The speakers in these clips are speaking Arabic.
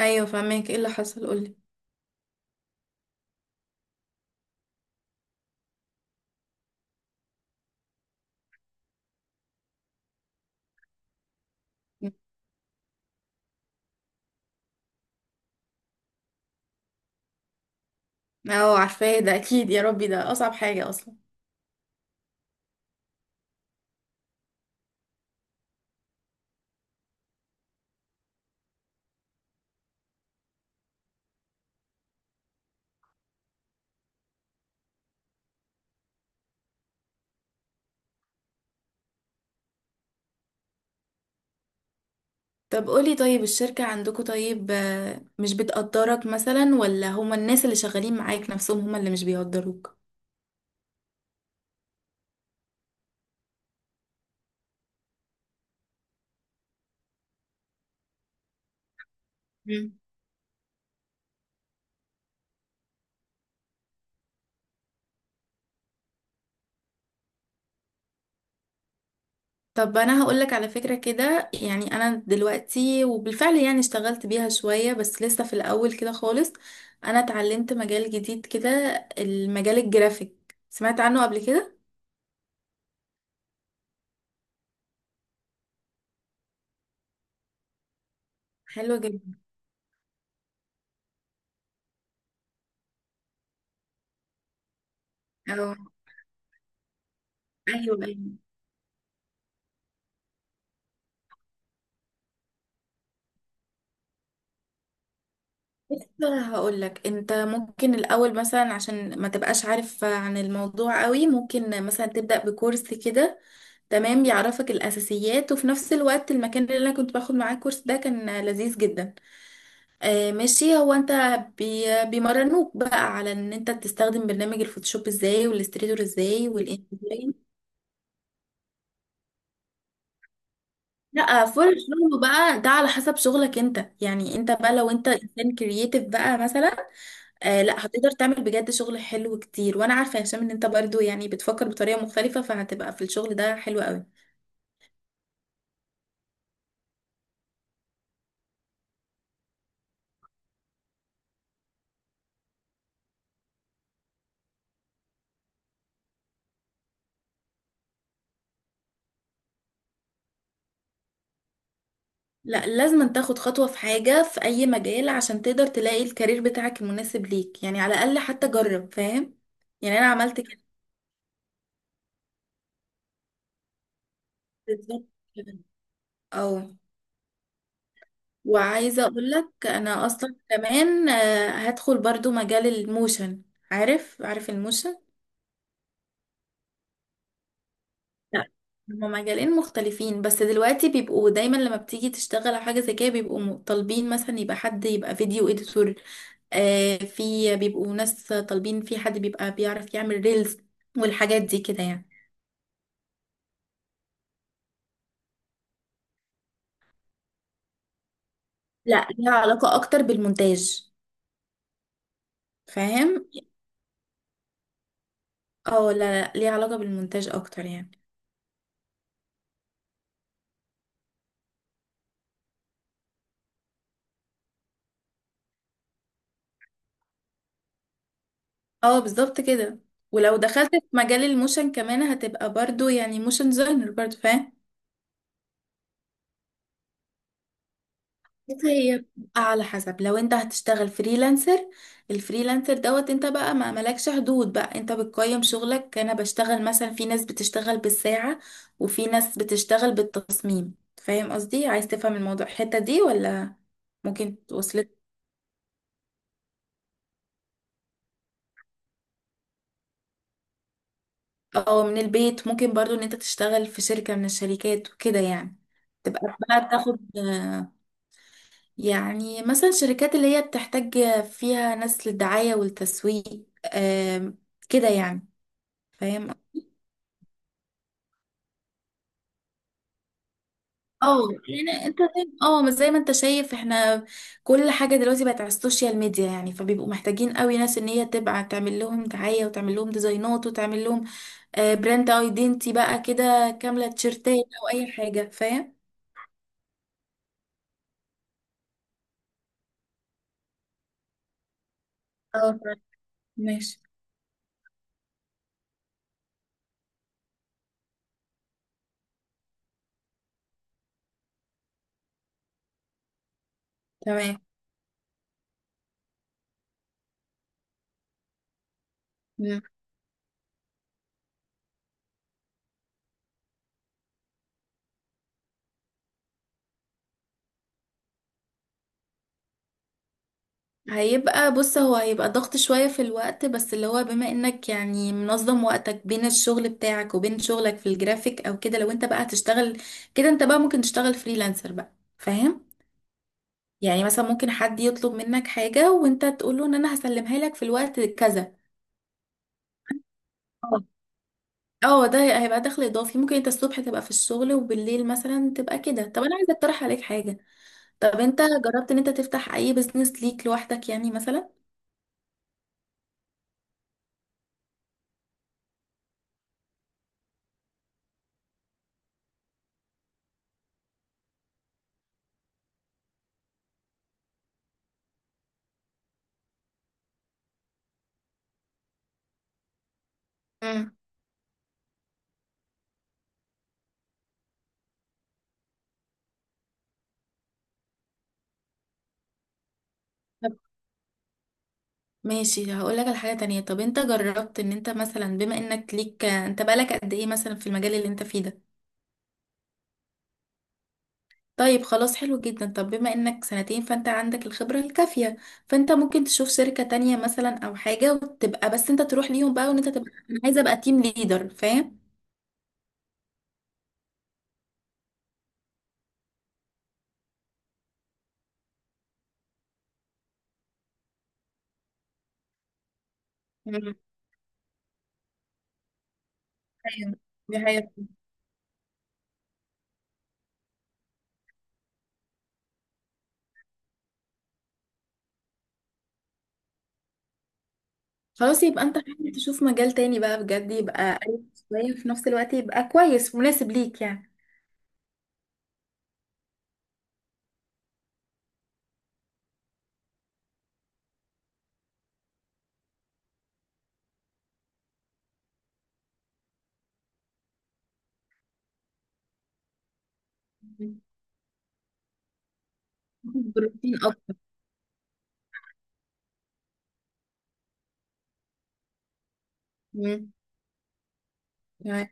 ايوه، فهماك. ايه اللي حصل؟ قولي. اه، عارفاه. ده اكيد يا ربي ده اصعب حاجة اصلا. طب قولي، طيب الشركة عندكم طيب، مش بتقدرك مثلا ولا هما الناس اللي شغالين معاك نفسهم هما اللي مش بيقدروك؟ مم. طب انا هقولك على فكرة كده. يعني انا دلوقتي وبالفعل يعني اشتغلت بيها شوية بس لسه في الاول كده خالص. انا اتعلمت مجال جديد كده. المجال الجرافيك، سمعت عنه قبل كده؟ حلو جدا. اه، ايوه، أيوة. بص، انا هقول لك. انت ممكن الاول مثلا عشان ما تبقاش عارف عن الموضوع قوي ممكن مثلا تبدا بكورس كده. تمام، بيعرفك الاساسيات. وفي نفس الوقت المكان اللي انا كنت باخد معاه الكورس ده كان لذيذ جدا. آه، ماشي. هو انت بي بيمرنوك بقى على ان انت تستخدم برنامج الفوتوشوب ازاي والاستريتور ازاي والانسباين. لا، فرق شغله بقى ده على حسب شغلك انت. يعني انت بقى لو انت انسان كرييتيف بقى مثلا، آه لا، هتقدر تعمل بجد شغل حلو كتير. وانا عارفه يا هشام ان انت برضو يعني بتفكر بطريقه مختلفه فهتبقى في الشغل ده حلو قوي. لا، لازم تاخد خطوه في حاجه، في اي مجال عشان تقدر تلاقي الكارير بتاعك المناسب ليك. يعني على الاقل حتى جرب، فاهم؟ يعني انا عملت كده. بالظبط كده. اه. وعايزه اقول لك انا اصلا كمان هدخل برضو مجال الموشن. عارف، عارف الموشن؟ لا، هما مجالين مختلفين. بس دلوقتي بيبقوا دايما لما بتيجي تشتغل على حاجة زي كده بيبقوا طالبين مثلا يبقى حد يبقى فيديو اديتور. آه، في بيبقوا ناس طالبين، في حد بيبقى بيعرف يعمل ريلز. والحاجات دي كده يعني. لا، ليها علاقة اكتر بالمونتاج. فاهم؟ اه لا، لا ليها علاقة بالمونتاج اكتر يعني. اه، بالظبط كده. ولو دخلت في مجال الموشن كمان هتبقى برضو يعني موشن ديزاينر برضو، فاهم؟ بصي، هي بتبقى على حسب. لو انت هتشتغل فريلانسر، الفريلانسر دوت انت بقى ما ملكش حدود. بقى انت بتقيم شغلك. انا بشتغل مثلا، في ناس بتشتغل بالساعة وفي ناس بتشتغل بالتصميم. فاهم قصدي؟ عايز تفهم الموضوع الحتة دي ولا ممكن توصلك؟ اه، من البيت ممكن. برضو ان انت تشتغل في شركة من الشركات وكده يعني. تبقى بقى بتاخد يعني مثلا الشركات اللي هي بتحتاج فيها ناس للدعاية والتسويق، آم، كده يعني. فاهم؟ اه، يعني انت فاهم. اه مش زي ما انت شايف، احنا كل حاجه دلوقتي بقت على السوشيال ميديا. يعني فبيبقوا محتاجين قوي ناس ان هي تبقى تعمل لهم دعايه وتعمل لهم ديزاينات وتعمل لهم براند ايدنتي بقى كده كامله، تيشرتات او اي حاجه، فاهم؟ اه، فاهم. ماشي. تمام. مم. هيبقى بص، هو هيبقى ضغط شويه في الوقت بس اللي هو بما انك يعني منظم وقتك بين الشغل بتاعك وبين شغلك في الجرافيك او كده. لو انت بقى هتشتغل كده انت بقى ممكن تشتغل فريلانسر بقى. فاهم؟ يعني مثلا، ممكن حد يطلب منك حاجة وانت تقول له ان انا هسلمها لك في الوقت كذا. اه. اه ده هيبقى دخل اضافي. ممكن انت الصبح تبقى في الشغل وبالليل مثلا تبقى كده. طب انا عايزة اقترح عليك حاجة. طب انت جربت ان انت تفتح اي بزنس ليك لوحدك يعني مثلا؟ امم. طب، ماشي. هقول لك على حاجة تانية. طب انت جربت ان انت مثلا، بما انك ليك انت بقالك قد ايه مثلا في المجال اللي انت فيه ده؟ طيب، خلاص حلو جدا. طب بما انك سنتين فانت عندك الخبرة الكافية. فانت ممكن تشوف شركة تانية مثلا او حاجة وتبقى، بس انت تروح ليهم بقى وان انت تبقى انا عايزة ابقى تيم ليدر، فاهم؟ مم. ايوه، دي حقيقة. خلاص، يبقى انت حاول تشوف مجال تاني بقى بجد. يبقى قريب شوية وفي نفس الوقت يبقى كويس مناسب ليك يعني. مم. بروتين اكتر. مم. تمام.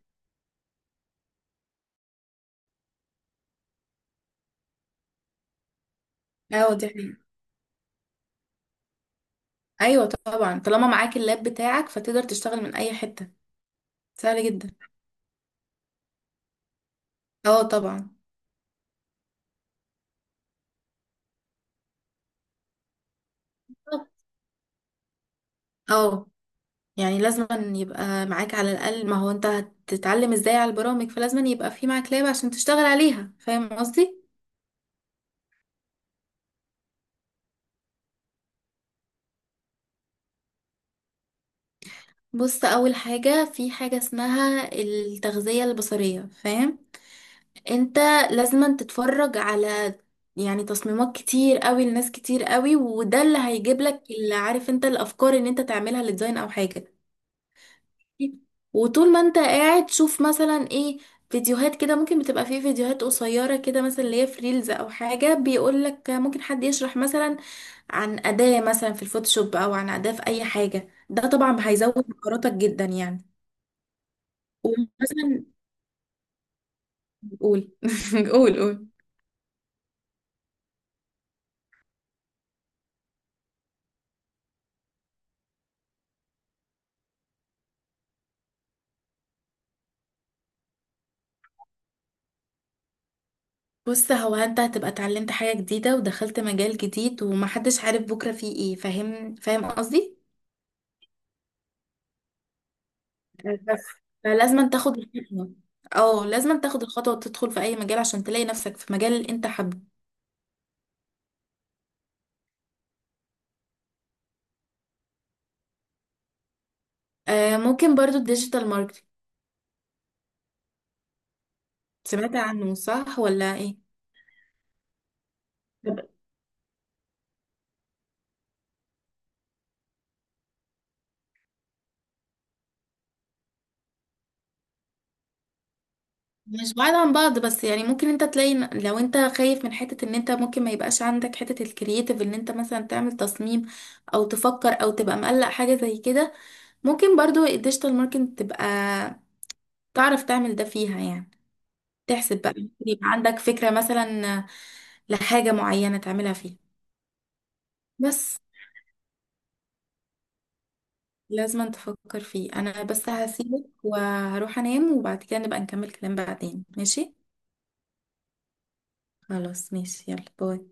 اه، دي حقيقة. ايوه طبعا، طالما معاك اللاب بتاعك فتقدر تشتغل من اي حتة. سهل جدا. اه، طبعا. اه، يعني لازم أن يبقى معاك على الأقل. ما هو انت هتتعلم ازاي على البرامج؟ فلازم أن يبقى في معاك لاب عشان تشتغل عليها، فاهم قصدي؟ بص، أول حاجة، في حاجة اسمها التغذية البصرية، فاهم؟ انت لازم أن تتفرج على يعني تصميمات كتير قوي لناس كتير قوي. وده اللي هيجيب لك اللي عارف انت الأفكار ان انت تعملها لديزاين أو حاجة. وطول ما انت قاعد شوف مثلا ايه، فيديوهات كده. ممكن بتبقى فيه فيديوهات قصيرة كده مثلا اللي هي في ريلز او حاجة بيقولك ممكن حد يشرح مثلا عن أداة مثلا في الفوتوشوب او عن أداة في اي حاجة. ده طبعا هيزود مهاراتك جدا يعني. ومثلا قول قول، قول. بص، هو انت هتبقى اتعلمت حاجة جديدة ودخلت مجال جديد ومحدش عارف بكرة فيه ايه. فاهم؟ فاهم قصدي؟ بس فلازم تاخد الخطوة. اه، لازم تاخد الخطوة وتدخل في أي مجال عشان تلاقي نفسك في مجال اللي أنت حابه. آه، ممكن برضو الديجيتال ماركتينج. سمعت عنه صح ولا إيه؟ طب، مش بعيد عن بعض بس يعني ممكن انت تلاقي لو انت خايف من حتة ان انت ممكن ما يبقاش عندك حتة الكرياتيف ان انت مثلا تعمل تصميم او تفكر او تبقى مقلق حاجة زي كده. ممكن برضو الديجيتال ماركتينج تبقى تعرف تعمل ده فيها يعني. تحسب بقى، يبقى عندك فكرة مثلا لحاجة معينة تعملها فيه. بس لازم تفكر فيه. انا بس هسيبك وهروح انام وبعد كده نبقى نكمل كلام بعدين، ماشي؟ خلاص، ماشي، يلا باي.